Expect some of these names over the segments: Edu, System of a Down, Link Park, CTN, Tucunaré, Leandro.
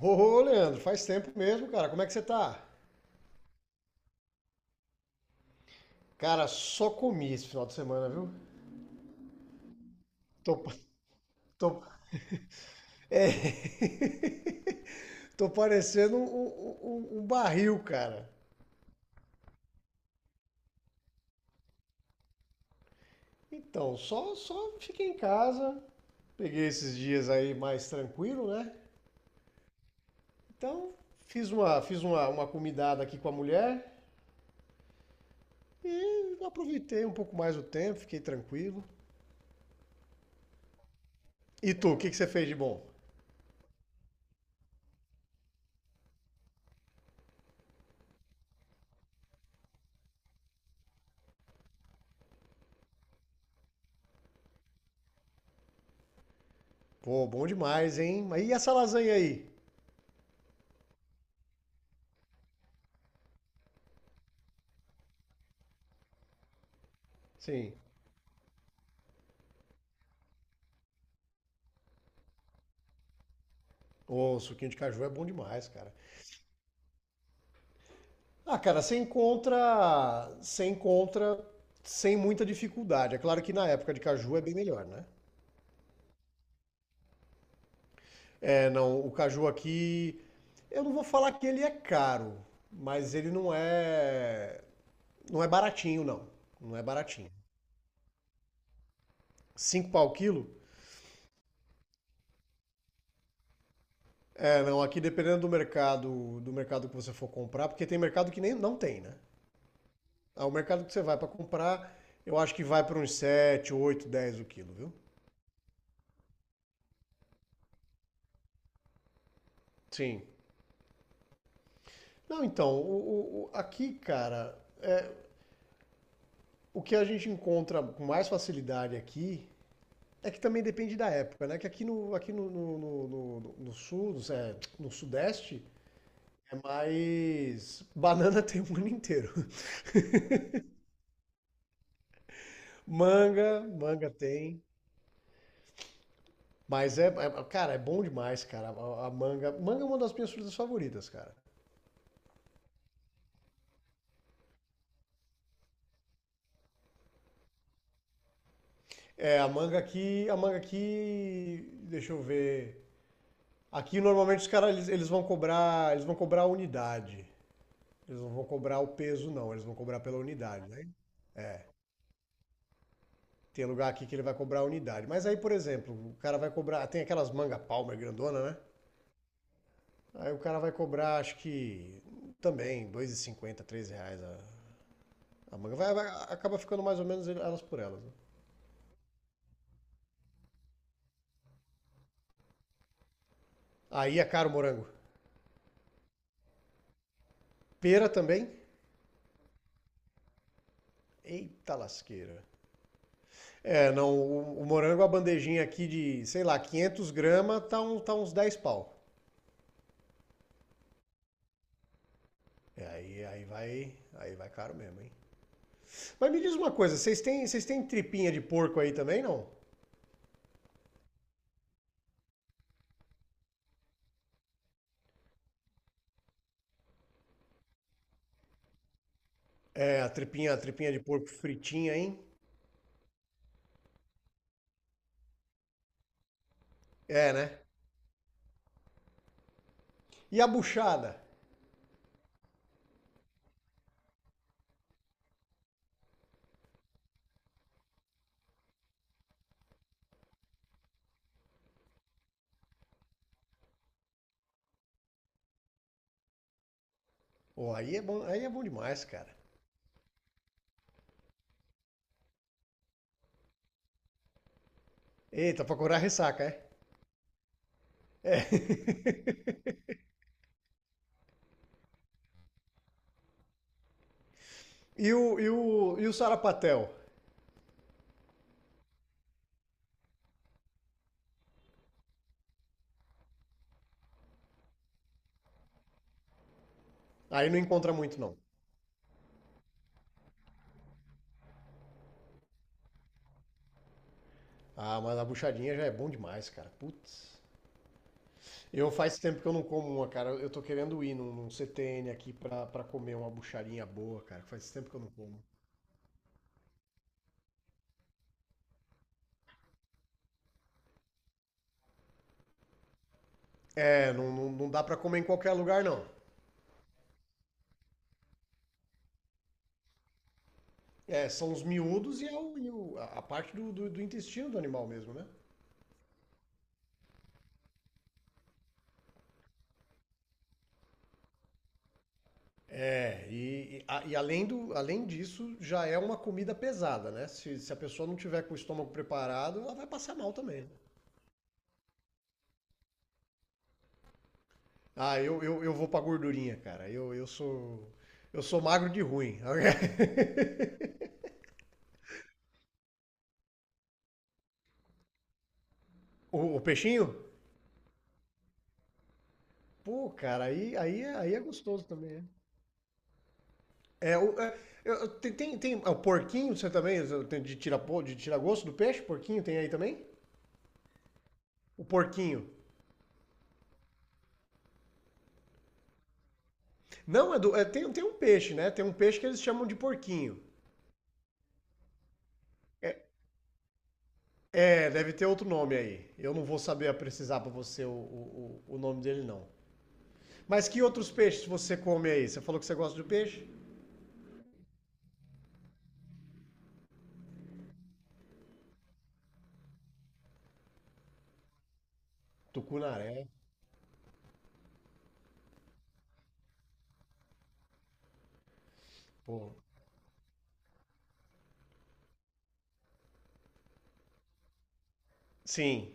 Ô, ô, Leandro, faz tempo mesmo, cara. Como é que você tá? Cara, só comi esse final de semana, viu? Tô, pa- tô, é, Tô parecendo um, um barril, cara. Então, só fiquei em casa, peguei esses dias aí mais tranquilo, né? Então, fiz uma comidada aqui com a mulher e aproveitei um pouco mais o tempo, fiquei tranquilo. E tu, o que que você fez de bom? Pô, bom demais, hein? Mas e essa lasanha aí? Sim. Ô, suquinho de caju é bom demais, cara. Ah, cara, você encontra sem muita dificuldade. É claro que na época de caju é bem melhor, né? É, não, o caju aqui, eu não vou falar que ele é caro, mas ele não é baratinho, não. Não é baratinho. Cinco pau o quilo? É, não, aqui dependendo do mercado que você for comprar, porque tem mercado que nem não tem, né? Ah, o mercado que você vai pra comprar, eu acho que vai para uns 7, 8, 10 o quilo, viu? Sim. Não, então, aqui, cara, o que a gente encontra com mais facilidade aqui é que também depende da época, né? Que aqui no, no, no- no- no- no sul, no sudeste, é mais. Banana tem o ano inteiro. Manga, manga tem. Mas cara, é bom demais, cara. A manga é uma das minhas frutas favoritas, cara. É, a manga aqui, deixa eu ver. Aqui normalmente os caras eles vão cobrar a unidade. Eles não vão cobrar o peso, não, eles vão cobrar pela unidade, né? Tem lugar aqui que ele vai cobrar a unidade. Mas aí, por exemplo, o cara vai cobrar. Tem aquelas manga palmer grandona, né? Aí o cara vai cobrar, acho que também, dois e cinquenta três reais a manga. Acaba ficando mais ou menos elas por elas, né? Aí é caro o morango. Pera também? Eita lasqueira. É, não, o morango, a bandejinha aqui de, sei lá, 500 g, tá uns 10 pau. É, aí vai caro mesmo, hein? Mas me diz uma coisa, vocês têm tripinha de porco aí também, não? É, a tripinha de porco fritinha, hein? É, né? E a buchada? Pô, aí é bom demais, cara. Eita, pra curar a ressaca, é? É. E o sarapatel? Aí não encontra muito, não. Ah, mas a buchadinha já é bom demais, cara. Putz. Eu faz tempo que eu não como uma, cara. Eu tô querendo ir num CTN aqui pra comer uma buchadinha boa, cara. Faz tempo que eu não como. É, não, não, não dá pra comer em qualquer lugar, não. É, são os miúdos e, a parte do intestino do animal mesmo, né? É, além disso, já é uma comida pesada, né? Se a pessoa não tiver com o estômago preparado, ela vai passar mal também, né? Ah, eu vou pra gordurinha, cara. Eu sou magro de ruim. O peixinho? Pô, cara, aí é gostoso também, né? É, o, é, eu- tem, tem, tem- é, o porquinho, você também, tem de tira gosto do peixe? Porquinho tem aí também? O porquinho. Não, Edu, tem um peixe, né? Tem um peixe que eles chamam de porquinho. É, deve ter outro nome aí. Eu não vou saber precisar pra você o nome dele, não. Mas que outros peixes você come aí? Você falou que você gosta de peixe? Tucunaré, pô. Sim.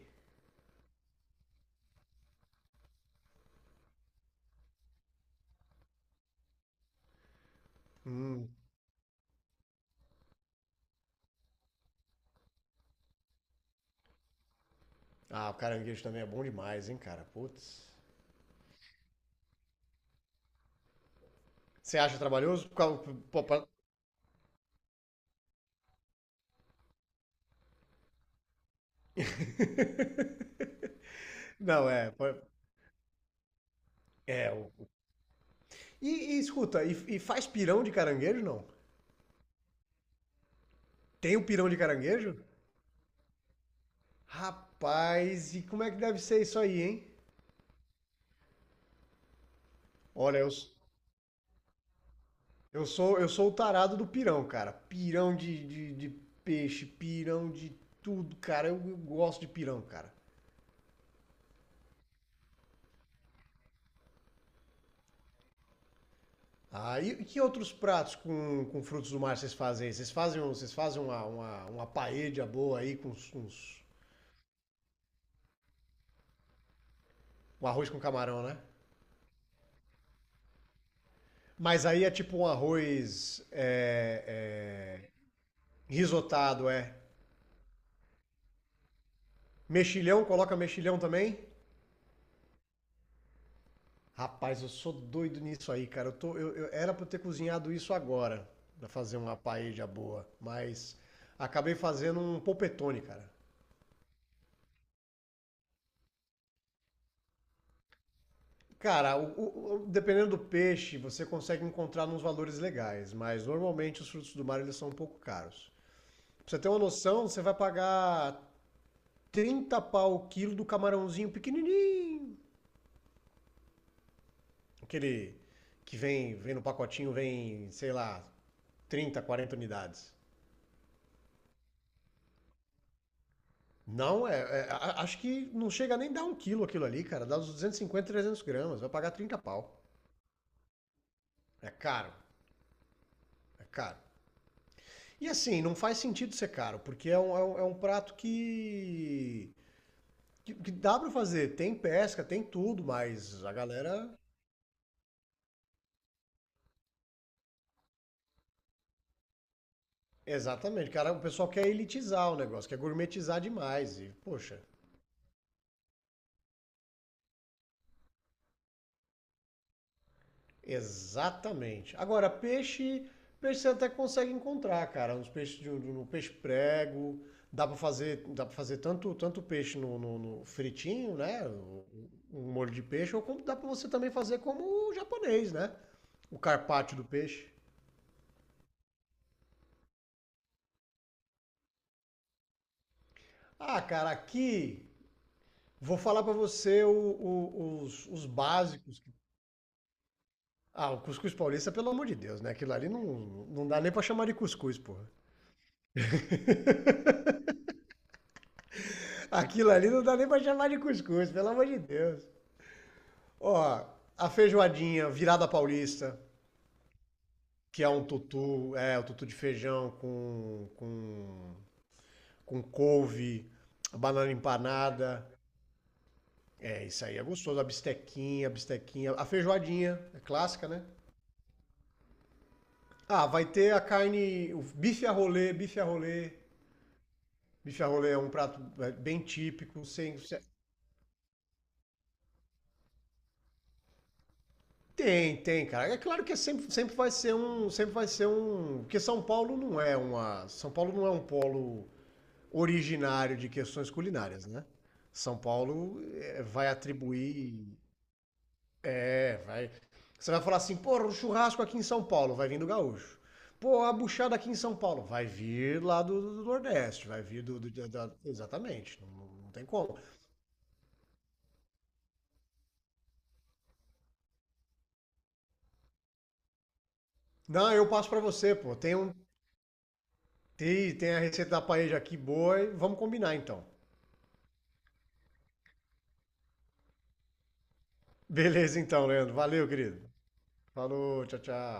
Hum. Ah, o caranguejo também é bom demais, hein, cara? Putz. Você acha trabalhoso? Por causa- pô, pra- Não, é. Pô, é. O- E, e escuta, e faz pirão de caranguejo, não? Tem o pirão de caranguejo? Rapaz, e como é que deve ser isso aí, hein? Olha, eu sou o tarado do pirão, cara. Pirão de peixe, pirão de tudo, cara. Eu gosto de pirão, cara. Ah, e que outros pratos com frutos do mar vocês fazem aí? Vocês fazem uma paella boa aí um arroz com camarão, né? Mas aí é tipo um arroz risotado, é. Mexilhão, coloca mexilhão também? Rapaz, eu sou doido nisso aí, cara. Eu tô, eu- Era pra eu ter cozinhado isso agora, pra fazer uma paella boa, mas acabei fazendo um polpetone, cara. Cara, dependendo do peixe, você consegue encontrar uns valores legais, mas normalmente os frutos do mar eles são um pouco caros. Pra você ter uma noção, você vai pagar 30 pau o quilo do camarãozinho pequenininho. Aquele que vem no pacotinho, vem, sei lá, 30, 40 unidades. Não, acho que não chega nem dar um quilo aquilo ali, cara. Dá uns 250, 300 gramas. Vai pagar 30 pau. É caro. É caro. E assim, não faz sentido ser caro, porque é um prato que dá pra fazer. Tem pesca, tem tudo, mas a galera. Exatamente, cara. O pessoal quer elitizar o negócio, quer gourmetizar demais. E, poxa, exatamente. Agora, peixe, peixe você até consegue encontrar, cara. Uns peixes no peixe prego. Dá para fazer tanto, tanto peixe no fritinho, né? Um molho de peixe, ou como dá pra você também fazer como o japonês, né? O carpaccio do peixe. Ah, cara, aqui vou falar pra você os básicos. Ah, o cuscuz paulista, pelo amor de Deus, né? Aquilo ali não dá nem pra chamar de cuscuz, porra. Aquilo ali não dá nem pra chamar de cuscuz, pelo amor de Deus. Ó, a feijoadinha virada paulista, que é um tutu, o tutu de feijão com couve, banana empanada. É, isso aí é gostoso. A bistequinha, a bistequinha. A feijoadinha, é clássica, né? Ah, vai ter a carne, o bife a rolê, bife a rolê. Bife a rolê é um prato bem típico. Tem, cara. É claro que é sempre, sempre vai ser um, sempre vai ser um, porque São Paulo não é um polo originário de questões culinárias, né? São Paulo vai atribuir. É, vai. Você vai falar assim, pô, o churrasco aqui em São Paulo, vai vir do gaúcho. Pô, a buchada aqui em São Paulo, vai vir lá do Nordeste, vai vir do. Do- da- da- exatamente, não tem como. Não, eu passo pra você, pô. Tem a receita da paella aqui boa e vamos combinar então. Beleza então, Leandro. Valeu, querido. Falou, tchau, tchau.